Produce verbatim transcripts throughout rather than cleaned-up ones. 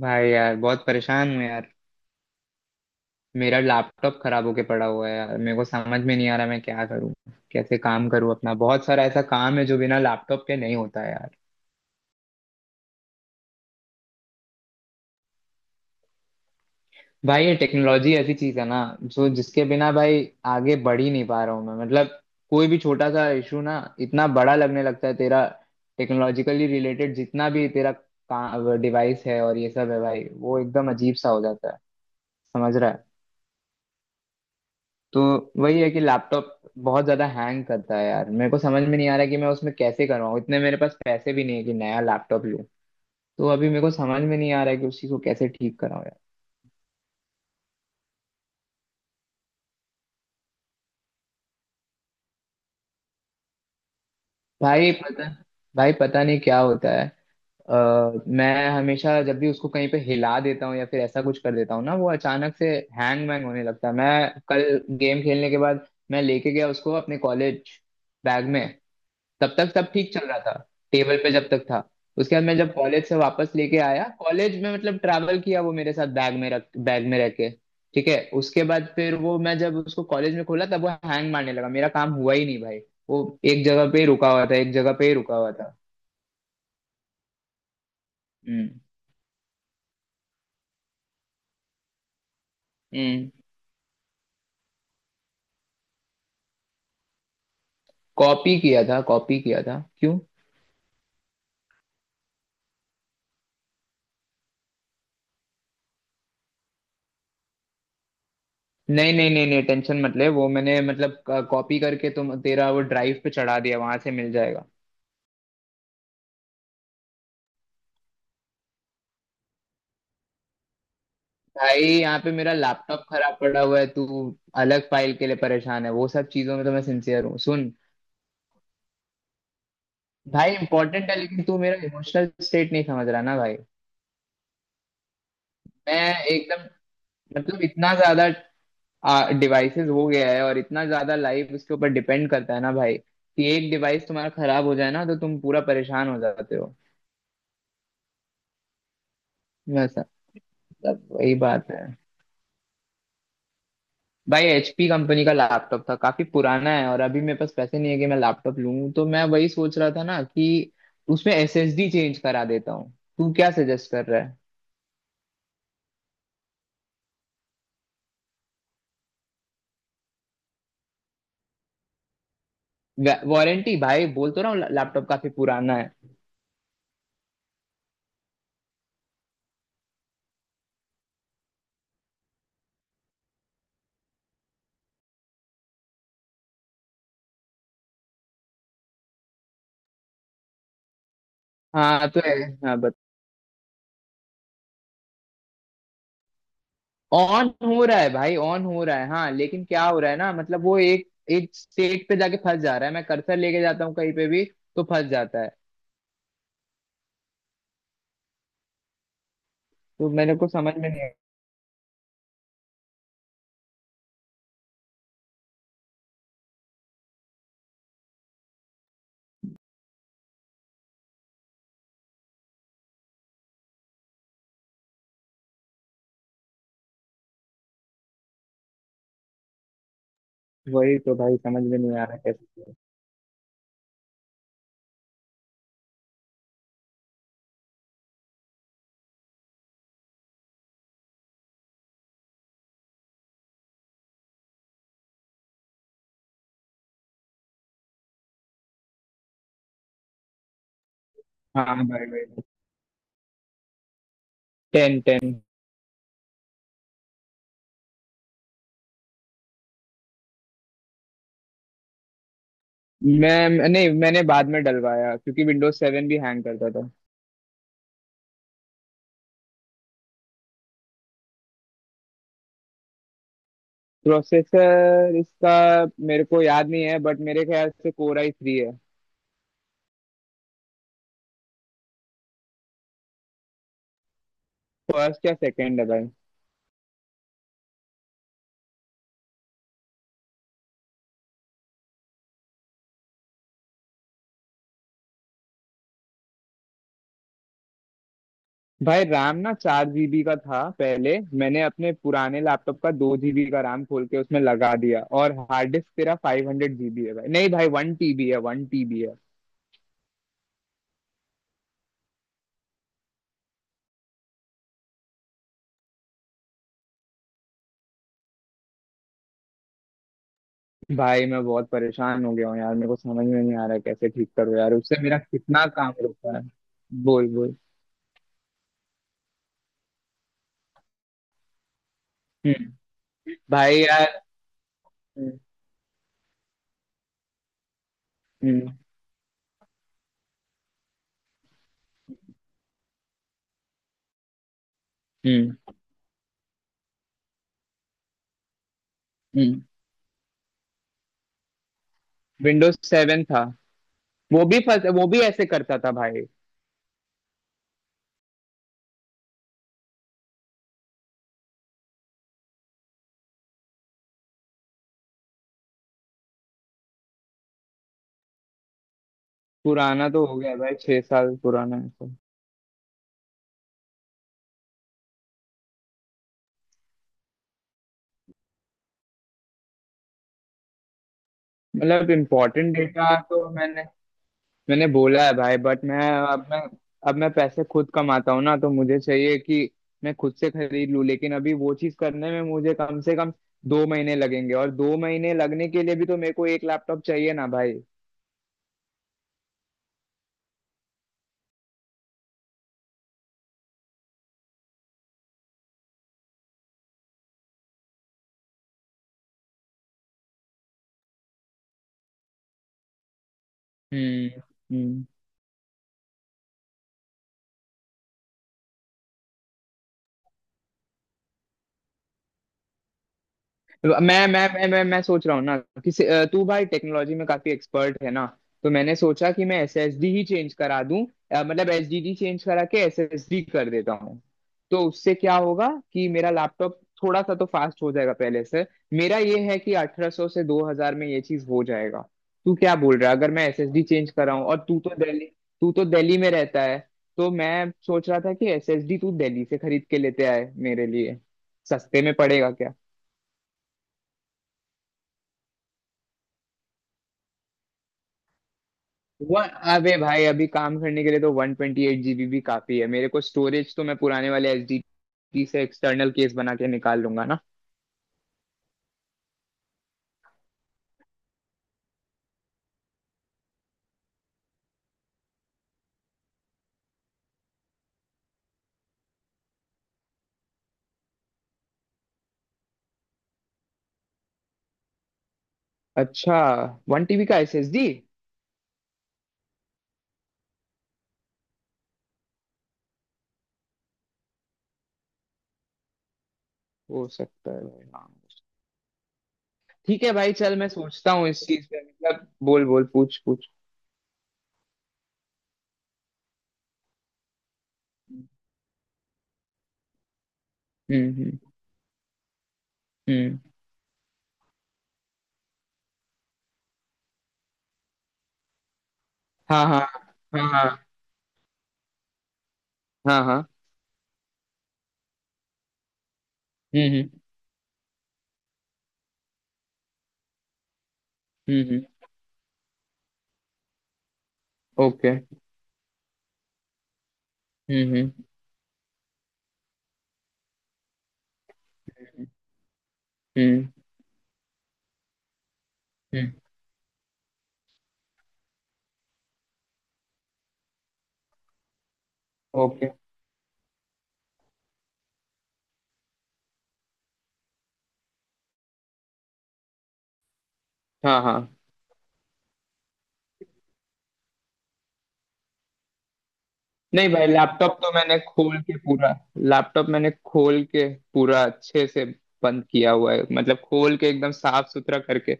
भाई यार बहुत परेशान हूँ यार। मेरा लैपटॉप खराब होके पड़ा हुआ है यार। मेरे को समझ में नहीं आ रहा मैं क्या करूँ, कैसे काम करूँ। अपना बहुत सारा ऐसा काम है जो बिना लैपटॉप के नहीं होता है यार। भाई ये टेक्नोलॉजी ऐसी चीज है ना जो जिसके बिना भाई आगे बढ़ ही नहीं पा रहा हूँ मैं, मतलब कोई भी छोटा सा इशू ना इतना बड़ा लगने लगता है। तेरा टेक्नोलॉजिकली रिलेटेड जितना भी तेरा डिवाइस है और ये सब है भाई, वो एकदम अजीब सा हो जाता है। समझ रहा है। तो वही है कि लैपटॉप बहुत ज्यादा हैंग करता है यार। मेरे को समझ में नहीं आ रहा कि मैं उसमें कैसे करवाऊँ, इतने मेरे पास पैसे भी नहीं है कि नया लैपटॉप लूँ। तो अभी मेरे को समझ में नहीं आ रहा है कि उसी को कैसे ठीक कराऊँ यार। भाई पता भाई पता नहीं क्या होता है। अ, मैं हमेशा जब भी उसको कहीं पे हिला देता हूँ या फिर ऐसा कुछ कर देता हूँ ना वो अचानक से हैंग वैंग होने लगता है। मैं कल गेम खेलने के बाद मैं लेके गया उसको अपने कॉलेज बैग में। तब तक सब ठीक चल रहा था। टेबल पे जब तक था। उसके बाद मैं जब कॉलेज से वापस लेके आया, कॉलेज में मतलब ट्रैवल किया वो मेरे साथ बैग में, रख बैग में रह के ठीक है। उसके बाद फिर वो मैं जब उसको कॉलेज में खोला तब वो हैंग मारने लगा। मेरा काम हुआ ही नहीं भाई। वो एक जगह पे ही रुका हुआ था, एक जगह पे ही रुका हुआ था। हम्म। हम्म। कॉपी किया था, कॉपी किया था, क्यों। नहीं, नहीं, नहीं, नहीं, टेंशन मत ले। वो मैंने मतलब कॉपी करके तुम तेरा वो ड्राइव पे चढ़ा दिया, वहां से मिल जाएगा। भाई यहाँ पे मेरा लैपटॉप खराब पड़ा हुआ है, तू अलग फाइल के लिए परेशान है। वो सब चीजों में तो मैं सिंसियर हूँ सुन। भाई इंपॉर्टेंट है लेकिन तू मेरा इमोशनल स्टेट नहीं समझ रहा ना भाई। मैं एकदम, मतलब इतना ज्यादा डिवाइसेस हो गया है और इतना ज्यादा लाइफ उसके ऊपर डिपेंड करता है ना भाई कि एक डिवाइस तुम्हारा खराब हो जाए ना तो तुम पूरा परेशान हो जाते हो। वैसा, मतलब वही बात है। भाई एच पी कंपनी का लैपटॉप था, काफी पुराना है और अभी मेरे पास पैसे नहीं है कि मैं लैपटॉप लूं। तो मैं वही सोच रहा था ना कि उसमें एस एस डी चेंज करा देता हूँ। तू क्या सजेस्ट कर रहा। है वारंटी भाई, बोल तो रहा हूँ लैपटॉप काफी पुराना है। हाँ तो है। हाँ बत ऑन हो रहा है भाई, ऑन हो रहा है। हाँ लेकिन क्या हो रहा है ना, मतलब वो एक एक स्टेट पे जाके फंस जा रहा है। मैं कर्सर लेके जाता हूँ कहीं पे भी तो फंस जाता है। तो मेरे को समझ में नहीं आ- वही तो भाई समझ में नहीं आ रहा कैसे। हाँ भाई। भाई टेन टेन मैं नहीं, मैंने बाद में डलवाया क्योंकि विंडोज सेवन भी हैंग करता था। प्रोसेसर इसका मेरे को याद नहीं है, बट मेरे ख्याल से कोर आई थ्री है। फर्स्ट या सेकंड है भाई। भाई रैम ना चार जीबी का था, पहले मैंने अपने पुराने लैपटॉप का दो जीबी का रैम खोल के उसमें लगा दिया। और हार्ड डिस्क तेरा फाइव हंड्रेड जीबी है भाई, नहीं भाई वन टीबी है, वन टीबी है। भाई मैं बहुत परेशान हो गया हूँ यार, मेरे को समझ में नहीं आ रहा है कैसे ठीक करो यार। उससे मेरा कितना काम रुका है। बोल बोल। हम्म। भाई यार। हम्म हम्म। हम्म। विंडोज सेवन था। वो भी फंस वो भी ऐसे करता था भाई। पुराना तो हो गया भाई, छह साल पुराना है तो। मतलब इम्पोर्टेंट डेटा तो मैंने मैंने बोला है भाई, बट मैं अब मैं अब मैं पैसे खुद कमाता हूँ ना। तो मुझे चाहिए कि मैं खुद से खरीद लूँ, लेकिन अभी वो चीज करने में मुझे कम से कम दो महीने लगेंगे, और दो महीने लगने के लिए भी तो मेरे को एक लैपटॉप चाहिए ना भाई। हम्म हम्म। मैं मैं मैं मैं मैं सोच रहा हूँ ना कि से- अ, तू भाई टेक्नोलॉजी में काफी एक्सपर्ट है ना। तो मैंने सोचा कि मैं एसएसडी ही चेंज करा दूं। अ, मतलब एसडीडी चेंज करा के एसएसडी कर देता हूँ। तो उससे क्या होगा कि मेरा लैपटॉप थोड़ा सा तो फास्ट हो जाएगा पहले से। मेरा ये है कि अठारह सौ से दो हज़ार में ये चीज हो जाएगा। तू क्या बोल रहा है अगर मैं एसएसडी चेंज कराऊं, और तू तो दिल्ली तू तो दिल्ली में रहता है। तो मैं सोच रहा था कि एसएसडी तू दिल्ली से खरीद के लेते आए मेरे लिए, सस्ते में पड़ेगा क्या। वन अबे भाई, अभी काम करने के लिए तो वन ट्वेंटी एट जीबी भी काफी है। मेरे को स्टोरेज तो मैं पुराने वाले एस डी से एक्सटर्नल केस बना के निकाल लूंगा ना। अच्छा, वन टीबी का एसएसडी। हो सकता है भाई, हाँ। ठीक है भाई, चल मैं सोचता हूँ इस चीज पे, मतलब बोल बोल, पूछ पूछ। हम्म हम्म। हम्म। हाँ हाँ। हाँ हाँ। हाँ हाँ। हम्म हम्म। हम्म हम्म, ओके। हम्म, okay। हम्म हम्म। हम्म। ओके। हाँ हाँ। नहीं भाई, लैपटॉप तो मैंने खोल के पूरा, लैपटॉप मैंने खोल के पूरा अच्छे से बंद किया हुआ है, मतलब खोल के एकदम साफ सुथरा करके।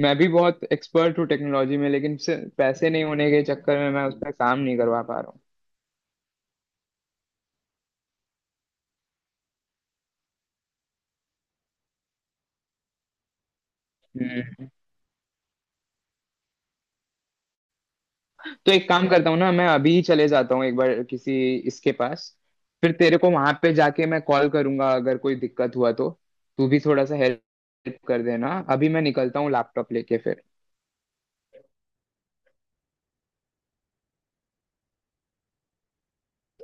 मैं भी बहुत एक्सपर्ट हूँ टेक्नोलॉजी में, लेकिन सिर्फ पैसे नहीं होने के चक्कर में मैं उस पर काम नहीं करवा पा रहा हूँ। हम्म। तो एक काम करता हूँ ना, मैं अभी ही चले जाता हूँ एक बार किसी इसके पास। फिर तेरे को वहां पे जाके मैं कॉल करूंगा अगर कोई दिक्कत हुआ तो। तू भी थोड़ा सा हेल्प कर देना। अभी मैं निकलता हूँ लैपटॉप लेके फिर।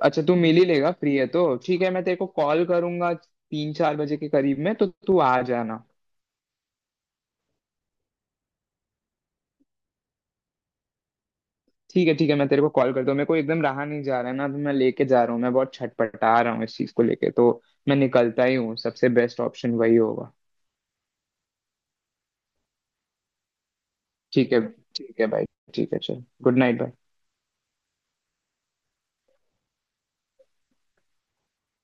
अच्छा तू मिल ही लेगा, फ्री है तो ठीक है। मैं तेरे को कॉल करूंगा तीन चार बजे के करीब में, तो तू आ जाना। ठीक है, ठीक है, मैं तेरे को कॉल करता हूँ। मेरे को एकदम रहा नहीं जा रहा है ना, तो मैं लेके जा रहा हूँ। मैं बहुत छटपटा रहा हूँ इस चीज को लेके, तो मैं निकलता ही हूँ, सबसे बेस्ट ऑप्शन वही होगा। ठीक है। ठीक है भाई। ठीक है, चल, गुड नाइट भाई।